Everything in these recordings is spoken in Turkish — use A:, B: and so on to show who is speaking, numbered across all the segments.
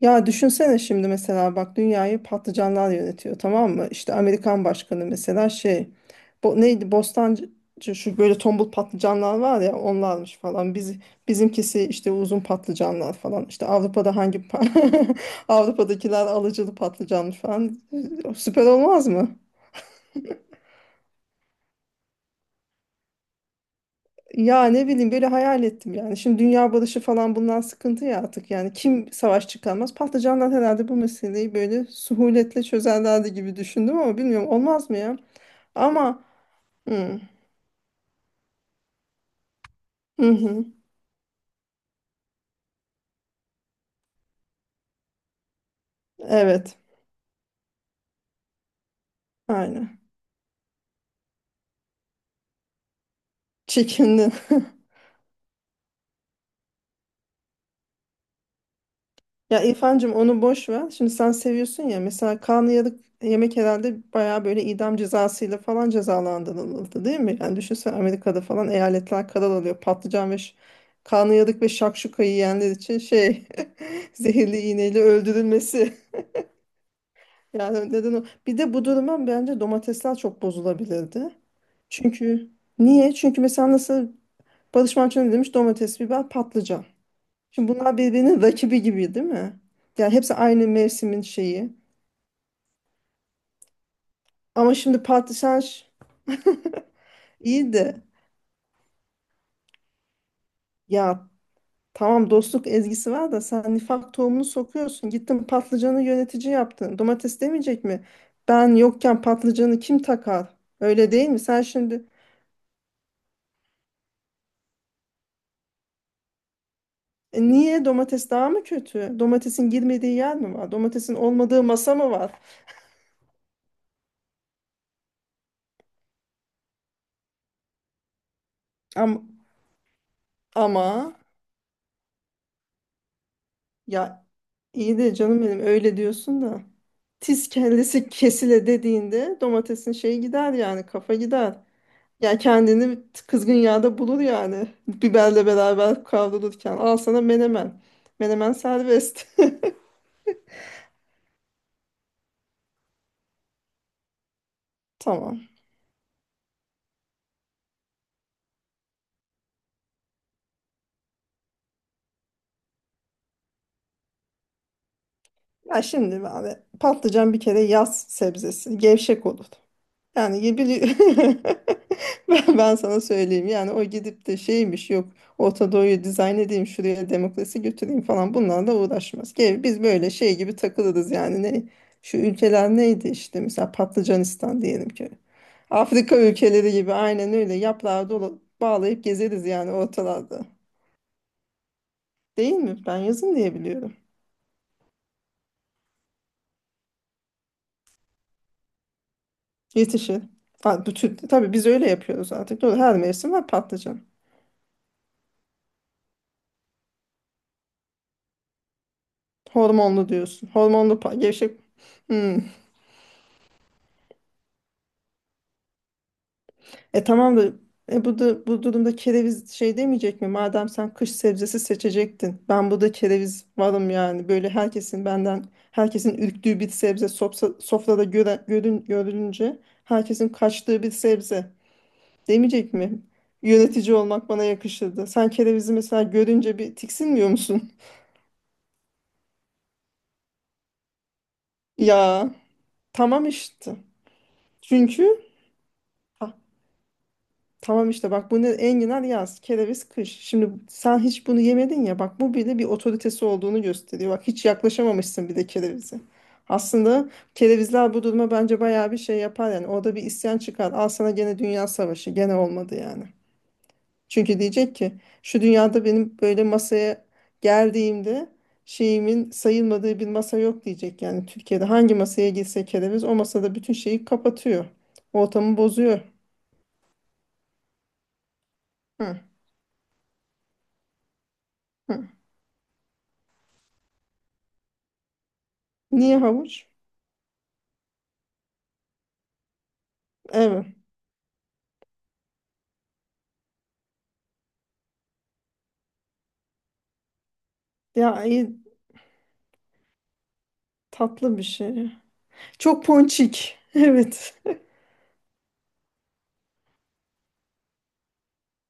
A: Ya düşünsene şimdi mesela bak dünyayı patlıcanlar yönetiyor, tamam mı? İşte Amerikan başkanı mesela şey neydi, Bostancı, şu böyle tombul patlıcanlar var ya, onlarmış falan. Bizimkisi işte uzun patlıcanlar falan. İşte Avrupa'da Avrupa'dakiler alıcılı patlıcanmış falan. Süper olmaz mı? Ya ne bileyim, böyle hayal ettim yani. Şimdi dünya barışı falan, bundan sıkıntı ya artık yani. Kim savaş çıkarmaz? Patlıcanlar herhalde bu meseleyi böyle suhuletle çözerlerdi gibi düşündüm ama bilmiyorum, olmaz mı ya? Ama hı, hı, hı. Evet, aynen. Çekindi. Ya İrfancığım, onu boş ver. Şimdi sen seviyorsun ya. Mesela karnıyarık yemek herhalde bayağı böyle idam cezasıyla falan cezalandırıldı, değil mi? Yani düşünsene, Amerika'da falan eyaletler karar alıyor. Patlıcan ve karnıyarık ve şakşuka yiyenler için şey zehirli iğneyle öldürülmesi. Yani neden o? Bir de bu duruma bence domatesler çok bozulabilirdi. Çünkü niye? Çünkü mesela nasıl Barış Manço ne demiş? Domates, biber, patlıcan. Şimdi bunlar birbirinin rakibi gibi değil mi? Yani hepsi aynı mevsimin şeyi. Ama şimdi patlıcan, iyi de ya, tamam dostluk ezgisi var da sen nifak tohumunu sokuyorsun. Gittin patlıcanı yönetici yaptın. Domates demeyecek mi? Ben yokken patlıcanı kim takar? Öyle değil mi? Sen şimdi, niye domates daha mı kötü? Domatesin girmediği yer mi var? Domatesin olmadığı masa mı var? Ama, ama ya, İyi de canım benim, öyle diyorsun da. Tiz kellesi kesile dediğinde domatesin şeyi gider, yani kafa gider. Ya kendini kızgın yağda bulur yani. Biberle beraber kavrulurken. Al sana menemen. Menemen serbest. Tamam. Ya şimdi abi, patlıcan bir kere yaz sebzesi. Gevşek olur. Yani bir ben sana söyleyeyim yani. O gidip de şeymiş, yok Orta Doğu'yu dizayn edeyim, şuraya demokrasi götüreyim falan, bunlarla uğraşmaz. Gel biz böyle şey gibi takılırız yani, ne şu ülkeler neydi, işte mesela Patlıcanistan diyelim ki. Afrika ülkeleri gibi aynen öyle, yaprağı dolu bağlayıp gezeriz yani ortalarda. Değil mi? Ben yazın diye biliyorum. Yetişir. Ha, bütün, tabii biz öyle yapıyoruz artık. Doğru, her mevsim var patlıcan. Hormonlu diyorsun. Hormonlu gevşek. Hmm. E tamam da, e bu da bu durumda kereviz şey demeyecek mi? Madem sen kış sebzesi seçecektin. Ben burada kereviz varım yani. Böyle herkesin benden, herkesin ürktüğü bir sebze, sopsa, sofrada göre, görün, görülünce herkesin kaçtığı bir sebze demeyecek mi? Yönetici olmak bana yakışırdı. Sen kerevizi mesela görünce bir tiksinmiyor musun? Ya tamam işte. Çünkü tamam işte, bak, bunu enginar yaz, kereviz kış. Şimdi sen hiç bunu yemedin ya, bak bu bile bir otoritesi olduğunu gösteriyor. Bak hiç yaklaşamamışsın bir de kerevize. Aslında kerevizler bu duruma bence bayağı bir şey yapar yani. Orada bir isyan çıkar. Al sana gene dünya savaşı. Gene olmadı yani. Çünkü diyecek ki, şu dünyada benim böyle masaya geldiğimde şeyimin sayılmadığı bir masa yok diyecek. Yani Türkiye'de hangi masaya girse kereviz, o masada bütün şeyi kapatıyor. Ortamı bozuyor. Hı, hı. Niye havuç? Evet. Ya iyi, tatlı bir şey. Çok ponçik. Evet.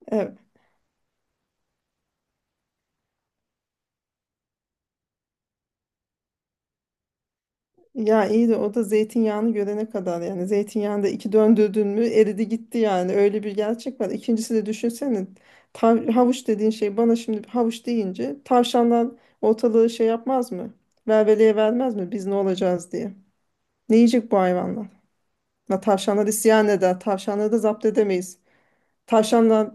A: Evet. Ya iyi de o da zeytinyağını görene kadar yani, zeytinyağını da iki döndürdün mü eridi gitti, yani öyle bir gerçek var. İkincisi de, düşünsene, havuç dediğin şey, bana şimdi havuç deyince tavşanlar ortalığı şey yapmaz mı? Velveleye vermez mi, biz ne olacağız diye. Ne yiyecek bu hayvanlar? Ya tavşanlar isyan eder. Tavşanları da zapt edemeyiz. Tavşanlar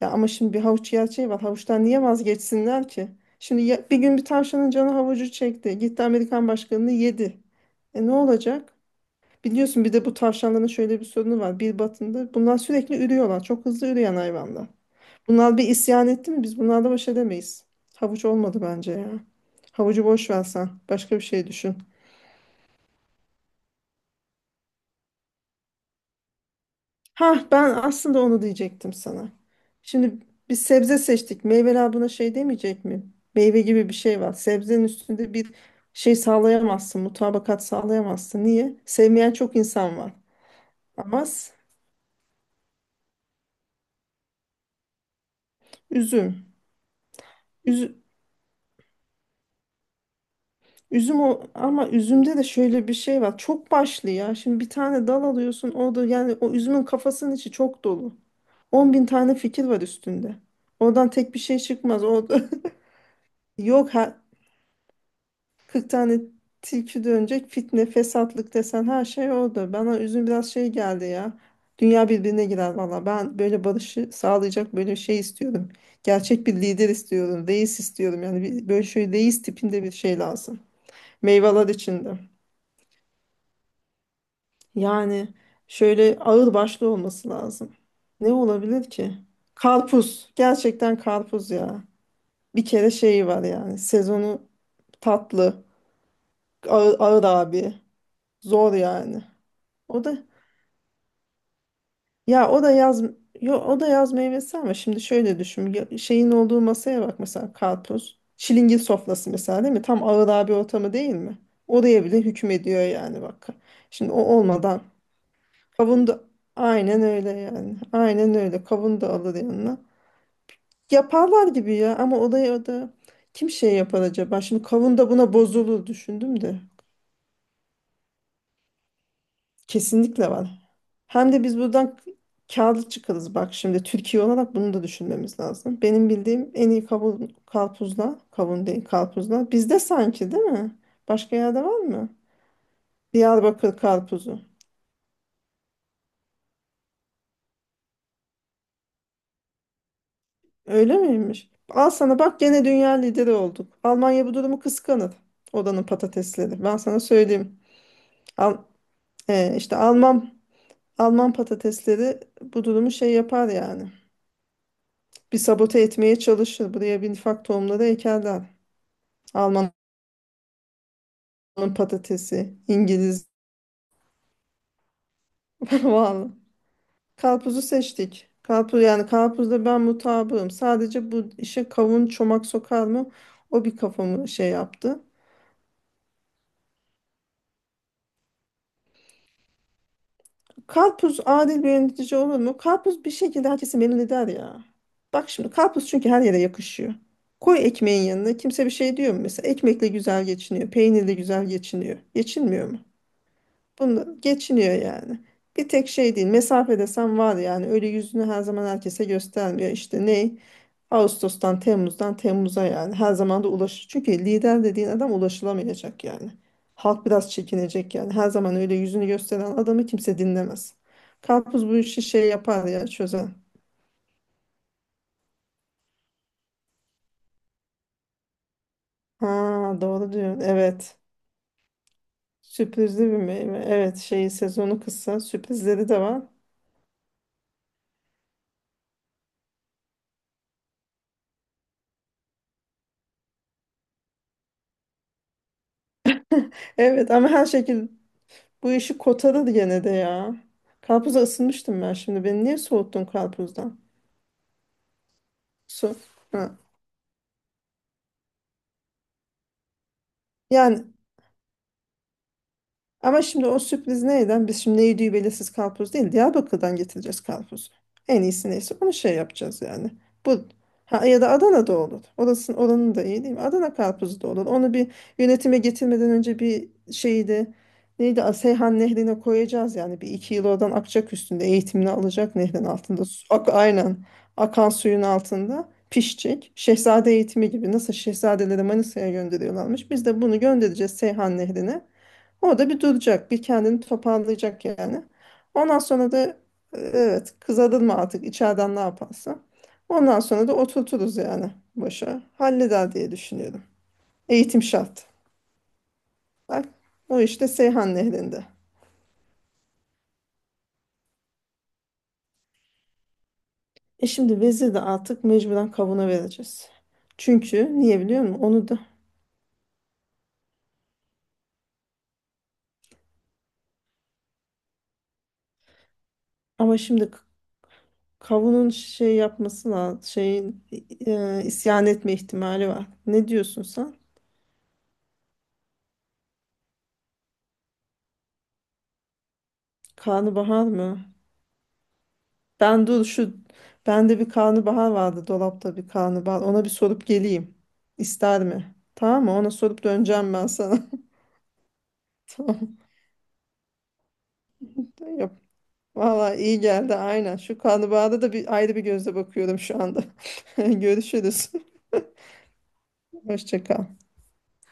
A: ya, ama şimdi bir havuç gerçeği var. Havuçtan niye vazgeçsinler ki? Şimdi bir gün bir tavşanın canı havucu çekti. Gitti Amerikan başkanını yedi. E ne olacak? Biliyorsun bir de bu tavşanların şöyle bir sorunu var. Bir batında bunlar sürekli ürüyorlar. Çok hızlı üreyen hayvanlar. Bunlar bir isyan etti mi biz bunlarla baş edemeyiz. Havuç olmadı bence ya. Havucu boş versen. Başka bir şey düşün. Ha, ben aslında onu diyecektim sana. Şimdi biz sebze seçtik. Meyveler buna şey demeyecek mi? Meyve gibi bir şey var. Sebzenin üstünde bir şey sağlayamazsın. Mutabakat sağlayamazsın. Niye? Sevmeyen çok insan var. Ama üzüm. Üzü- üzüm o, ama üzümde de şöyle bir şey var. Çok başlı ya. Şimdi bir tane dal alıyorsun. O da yani, o üzümün kafasının içi çok dolu. 10.000 tane fikir var üstünde. Oradan tek bir şey çıkmaz. O yok ha, 40 tane tilki dönecek, fitne fesatlık desen her şey oldu. Bana üzüm biraz şey geldi ya. Dünya birbirine girer valla. Ben böyle barışı sağlayacak böyle bir şey istiyorum. Gerçek bir lider istiyorum. Reis istiyorum. Yani bir, böyle şöyle reis tipinde bir şey lazım. Meyveler içinde. Yani şöyle ağır başlı olması lazım. Ne olabilir ki? Karpuz. Gerçekten karpuz ya. Bir kere şeyi var yani. Sezonu tatlı. Ağır, ağır abi. Zor yani. O da, ya o da yaz, yo, o da yaz meyvesi. Ama şimdi şöyle düşün, şeyin olduğu masaya bak, mesela karpuz çilingir sofrası mesela değil mi, tam ağır bir ortamı değil mi, oraya bile hükmediyor yani. Bak şimdi o olmadan, kavun da aynen öyle yani, aynen öyle kavun da alır yanına, yaparlar gibi ya, ama odaya da kim şey yapar acaba, şimdi kavun da buna bozulur düşündüm de. Kesinlikle var. Hem de biz buradan kârlı çıkarız, bak şimdi Türkiye olarak bunu da düşünmemiz lazım. Benim bildiğim en iyi kavun, karpuzlar, kavun değil karpuzlar bizde sanki, değil mi? Başka yerde var mı? Diyarbakır karpuzu. Öyle miymiş? Al sana bak, gene dünya lideri olduk. Almanya bu durumu kıskanır. Oranın patatesleri. Ben sana söyleyeyim. Al, işte Alman patatesleri bu durumu şey yapar yani. Bir sabote etmeye çalışır. Buraya bir nifak tohumları ekerler. Almanın patatesi, İngiliz vallahi. Karpuzu seçtik. Karpuz yani, karpuzda ben mutabığım. Sadece bu işe kavun çomak sokar mı? O bir kafamı şey yaptı. Karpuz adil bir yönetici olur mu? Karpuz bir şekilde herkesi memnun eder ya. Bak şimdi karpuz, çünkü her yere yakışıyor. Koy ekmeğin yanına, kimse bir şey diyor mu mesela? Ekmekle güzel geçiniyor, peynirle güzel geçiniyor. Geçinmiyor mu? Bunu geçiniyor yani. Bir tek şey değil. Mesafe desem var yani. Öyle yüzünü her zaman herkese göstermiyor. İşte ne? Ağustos'tan, Temmuz'dan Temmuz'a yani. Her zaman da ulaş. Çünkü lider dediğin adam ulaşılamayacak yani. Halk biraz çekinecek yani. Her zaman öyle yüzünü gösteren adamı kimse dinlemez. Karpuz bu işi şey yapar ya, çözer. Ha doğru diyorsun. Evet. Sürprizli bir meyve. Evet, şeyi sezonu kısa. Sürprizleri de var. Evet, ama her şekilde bu işi kotaladı gene de ya. Karpuza ısınmıştım ben şimdi. Beni niye soğuttun karpuzdan? Su. Ha. Yani ama şimdi o sürpriz neyden? Biz şimdi ne yediği belirsiz karpuz değil, Diyarbakır'dan getireceğiz karpuzu. En iyisi neyse onu şey yapacağız yani. Bu ha, ya da Adana'da olur. Orasının, oranın da iyi değil mi? Adana karpuzu da olur. Onu bir yönetime getirmeden önce bir şeydi. Neydi? Seyhan Nehri'ne koyacağız yani. Bir iki yıl oradan akacak üstünde. Eğitimini alacak nehrin altında. Aynen. Akan suyun altında pişecek. Şehzade eğitimi gibi. Nasıl şehzadeleri Manisa'ya gönderiyorlarmış, biz de bunu göndereceğiz Seyhan Nehri'ne. Orada bir duracak, bir kendini toparlayacak yani. Ondan sonra da, evet kız mı artık içeriden, ne yaparsa. Ondan sonra da oturturuz yani başa. Halleder diye düşünüyorum. Eğitim şart. Bak, o işte Seyhan Nehri'nde. E şimdi vezir de artık mecburen kavuna vereceğiz. Çünkü niye biliyor musun? Onu da, ama şimdi kavunun şey yapması lazım. Şeyin, isyan etme ihtimali var. Ne diyorsun sen? Karnabahar mı? Ben dur, bende bir karnabahar vardı dolapta, bir karnabahar. Ona bir sorup geleyim. İster mi? Tamam mı? Ona sorup döneceğim ben sana. Tamam. Yap. Valla iyi geldi aynen. Şu karnabahara da bir ayrı bir gözle bakıyorum şu anda. Görüşürüz. Hoşça kal.